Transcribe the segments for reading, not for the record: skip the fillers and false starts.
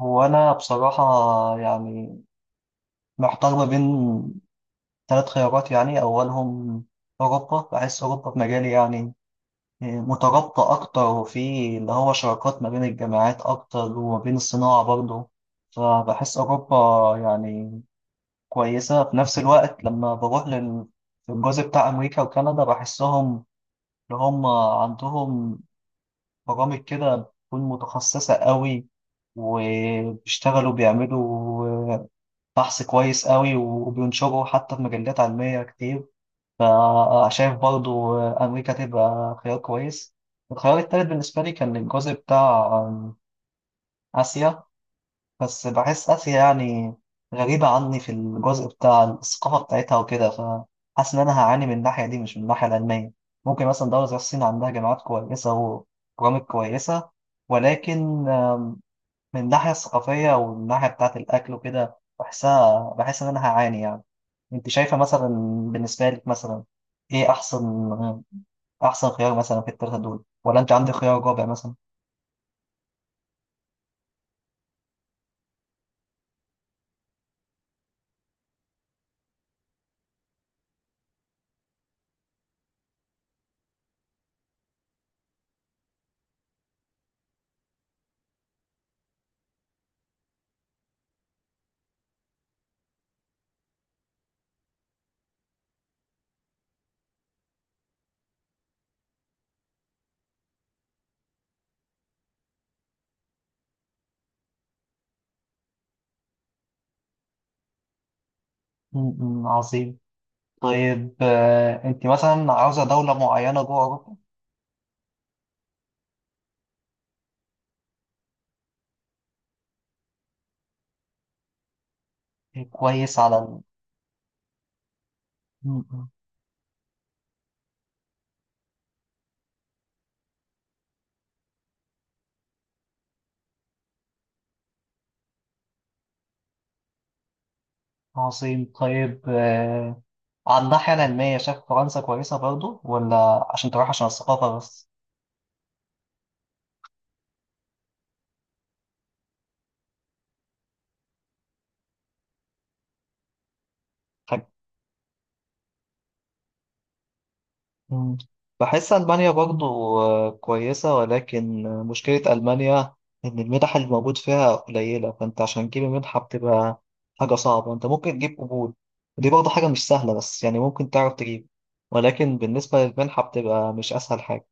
هو أنا بصراحة يعني محتار ما بين ثلاث خيارات، يعني أولهم أوروبا. بحس أوروبا في مجالي مترابطة أكتر، وفي اللي هو شراكات ما بين الجامعات أكتر وما بين الصناعة برضه. فبحس أوروبا يعني كويسة. في نفس الوقت لما بروح للجزء بتاع أمريكا وكندا، بحسهم اللي هم عندهم برامج كده بتكون متخصصة قوي، وبيشتغلوا بيعملوا بحث كويس قوي وبينشره حتى في مجلات علمية كتير. فشايف برضو أمريكا تبقى خيار كويس. الخيار التالت بالنسبة لي كان الجزء بتاع آسيا. بس بحس آسيا غريبة عني في الجزء بتاع الثقافة بتاعتها وكده، فحاسس إن أنا هعاني من الناحية دي، مش من الناحية العلمية. ممكن مثلا دولة زي الصين عندها جامعات كويسة وبرامج كويسة، ولكن من الناحية الثقافية والناحية بتاعة الأكل وكده بحسها، بحس إن أنا هعاني يعني. انت شايفه مثلا، بالنسبه لك مثلا، ايه احسن، احسن خيار مثلا في الثلاثه دول، ولا انت عندك خيار رابع مثلا؟ م- م، عظيم. طيب انت مثلا عاوزه دوله معينه جوه اوروبا؟ إيه، كويس على م- م، عظيم. طيب على الناحيه العلميه، شايف فرنسا كويسه برضو، ولا عشان تروح عشان الثقافه بس؟ مم. بحس ألمانيا برضو كويسة، ولكن مشكلة ألمانيا إن المنح اللي موجود فيها قليلة. فأنت عشان تجيب منحة بتبقى حاجة صعبة. أنت ممكن تجيب قبول، ودي برضو حاجة مش سهلة، بس يعني ممكن تعرف تجيب، ولكن بالنسبة للمنحة بتبقى مش أسهل حاجة.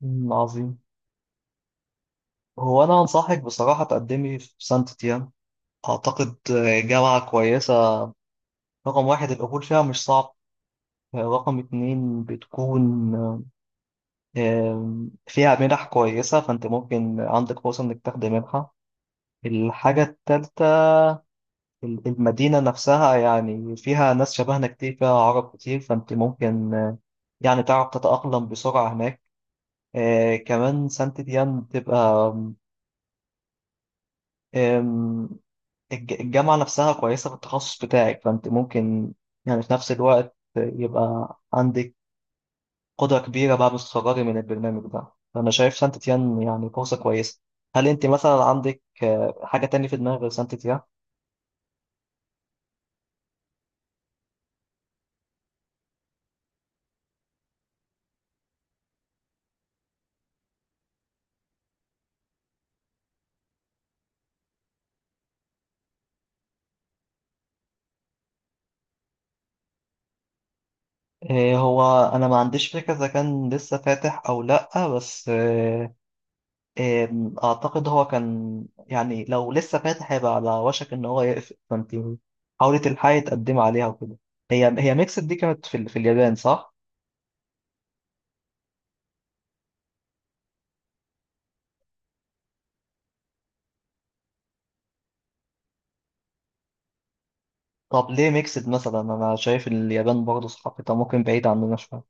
مم، عظيم. هو أنا أنصحك بصراحة تقدمي في سانت تيان. أعتقد جامعة كويسة. رقم واحد، القبول فيها مش صعب. رقم اتنين، بتكون فيها منح كويسة، فأنت ممكن عندك فرصة إنك تاخدي منحة. الحاجة التالتة، المدينة نفسها يعني فيها ناس شبهنا كتير، فيها عرب كتير، فأنت ممكن يعني تعرف تتأقلم بسرعة هناك. كمان سانت ديان بتبقى، آم، الجامعة نفسها كويسة في التخصص بتاعك، فأنت ممكن يعني في نفس الوقت يبقى عندك قدرة كبيرة بعد الصغار من البرنامج ده. فأنا شايف سانت تيان يعني فرصة كويسة. هل أنت مثلا عندك حاجة تانية في دماغك غير سانت تيان؟ هو أنا ما عنديش فكرة إذا كان لسه فاتح أو لأ، بس آه، آم، أعتقد هو كان يعني لو لسه فاتح هيبقى على وشك إن هو يقفل، فأنت حاولي تلحقي تقدمي عليها وكده. هي ميكسد دي كانت في، في اليابان صح؟ طب ليه ميكسد مثلا؟ أنا شايف اليابان برضه ثقافتها ممكن بعيدة عننا شوية.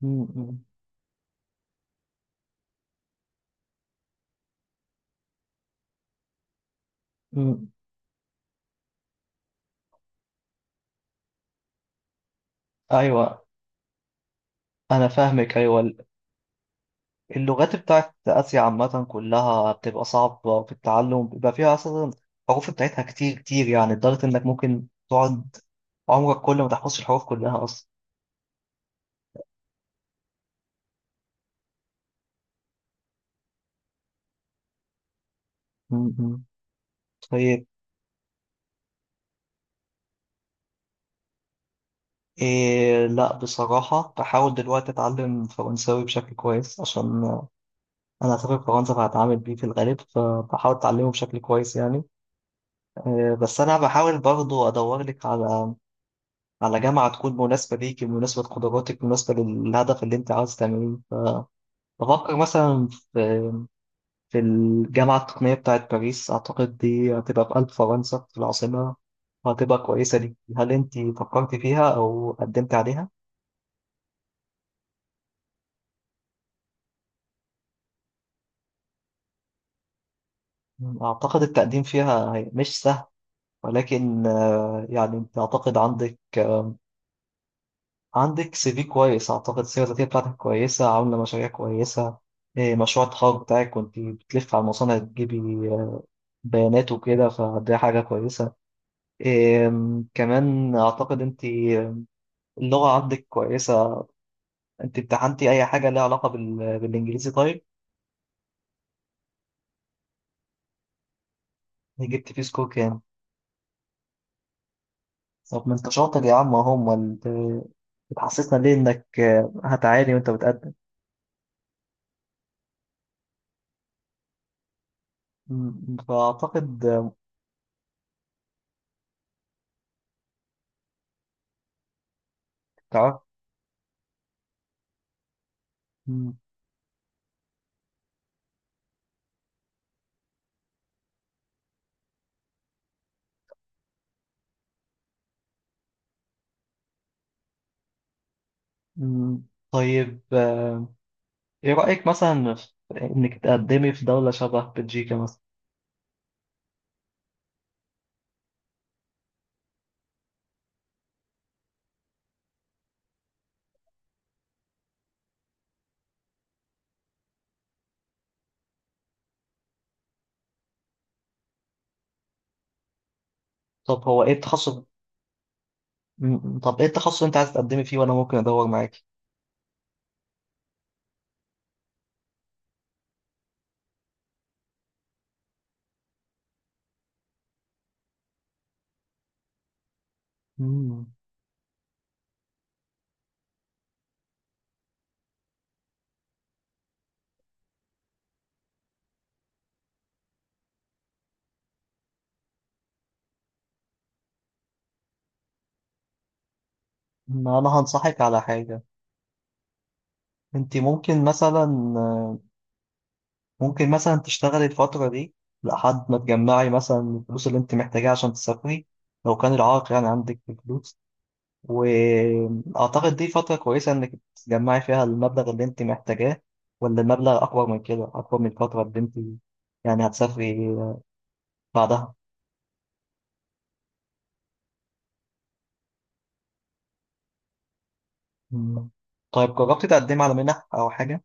م- م- م. ايوه، أنا فاهمك أيوة. اللغات بتاعت آسيا عامة كلها بتبقى صعبة في التعلم، بيبقى فيها أصلا الحروف بتاعتها كتير كتير، يعني لدرجة إنك ممكن تقعد عمرك كله ما تحفظش الحروف كلها أصلا. م- م. طيب، إيه لا بصراحة بحاول دلوقتي أتعلم فرنساوي بشكل كويس، عشان أنا هسافر فرنسا فهتعامل بيه في الغالب، فبحاول أتعلمه بشكل كويس يعني. إيه بس أنا بحاول برضو أدور لك على، على جامعة تكون مناسبة ليك، مناسبة لقدراتك، مناسبة للهدف اللي أنت عاوز تعمله. فبفكر مثلا في في الجامعة التقنية بتاعة باريس. أعتقد دي هتبقى في قلب فرنسا، في العاصمة، وهتبقى كويسة ليك. هل أنت فكرت فيها أو قدمت عليها؟ أعتقد التقديم فيها مش سهل، ولكن يعني أنت أعتقد عندك سي في كويس. أعتقد السيرة الذاتية بتاعتك كويسة، عاملة مشاريع كويسة. إيه، مشروع التخرج بتاعك كنت بتلف على المصانع تجيبي بيانات وكده، فدي حاجة كويسة. كمان أعتقد أنت اللغة عندك كويسة. أنت امتحنتي أي حاجة ليها علاقة بالإنجليزي؟ طيب جبت فيه سكور كام؟ طب ما أنت شاطر يا عم أهو. أمال بتحسسنا ليه إنك هتعاني وأنت بتقدم؟ فأعتقد تعرف. م- م- طيب إيه رأيك مثلا في إنك تقدمي في دولة شبه بلجيكا مثلا؟ طب هو إيه التخصص؟ طب إيه التخصص اللي أنت عايز تقدمي فيه وأنا ممكن أدور معاكي؟ مم. ما انا هنصحك على حاجة. انت ممكن مثلا ممكن مثلا تشتغلي الفترة دي لحد ما تجمعي مثلا الفلوس اللي انت محتاجاها عشان تسافري، لو كان العائق يعني عندك في الفلوس. واعتقد دي فترة كويسة انك تجمعي فيها المبلغ اللي انت محتاجاه، ولا المبلغ اكبر من كده، اكبر من الفترة اللي انت يعني هتسافري بعدها؟ مم. طيب، جربتي تقدمي على منح او حاجة؟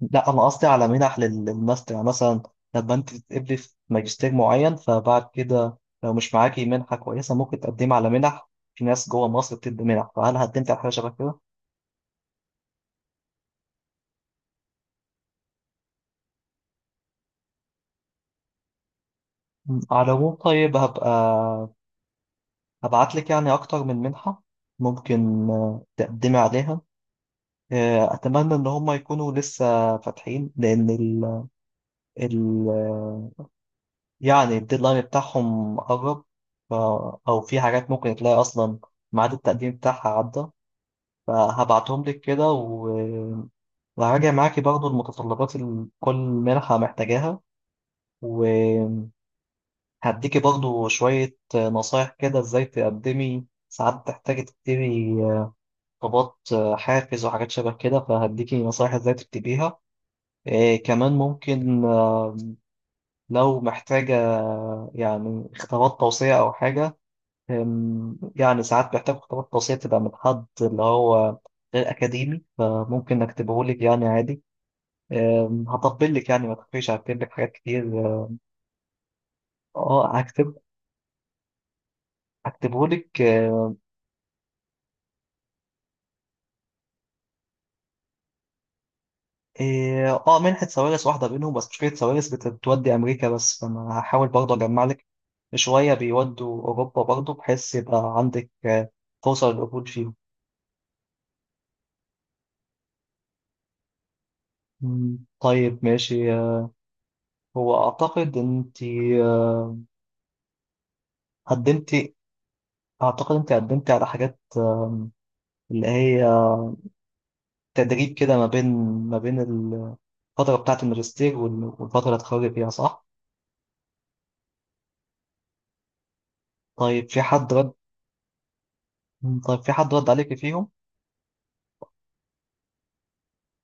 لا انا قصدي على منح للماستر يعني. مثلا لما انت تتقبلي في ماجستير معين، فبعد كده لو مش معاكي منحه كويسه ممكن تقدمي على منح. في ناس جوه مصر بتدي منح، فهل قدمت على حاجه شبه كده؟ مم. على العموم طيب، هبعت لك يعني اكتر من منحه ممكن تقدمي عليها. اتمنى ان هم يكونوا لسه فاتحين، لان ال... يعني الديدلاين بتاعهم قرب. ف... او في حاجات ممكن تلاقي اصلا ميعاد التقديم بتاعها عدى. فهبعتهم لك كده وهراجع معاكي برضو المتطلبات اللي كل منحة محتاجاها. وهديكي برضو شوية نصايح كده ازاي تقدمي. ساعات بتحتاجي تكتبي طلبات حافز وحاجات شبه كده، فهديكي نصايح ازاي تكتبيها. إيه كمان ممكن لو محتاجة يعني خطابات توصية أو حاجة، يعني ساعات بحتاج خطابات توصية تبقى من حد اللي هو غير أكاديمي، فممكن أكتبهولك يعني عادي. هطبل لك يعني، ما تخافيش هكتب لك حاجات كتير اه. آه، هكتب هكتبه لك اه. منحة سوارس واحدة بينهم، بس مشكلة سوارس بتودي أمريكا بس، فأنا هحاول برضه أجمع لك شوية بيودوا أوروبا برضه، بحيث يبقى عندك فرصة للقبول فيهم. مم، طيب ماشي. هو أعتقد أنت آه، قدمتي أعتقد أنت قدمتي على حاجات اللي هي تدريب كده ما بين، الفترة بتاعة الماجستير والفترة اللي هتخرجي فيها، صح؟ طيب، في حد رد؟ مم، طيب في حد رد عليك فيهم؟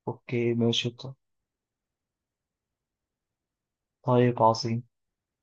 اوكي ماشي. طيب عظيم.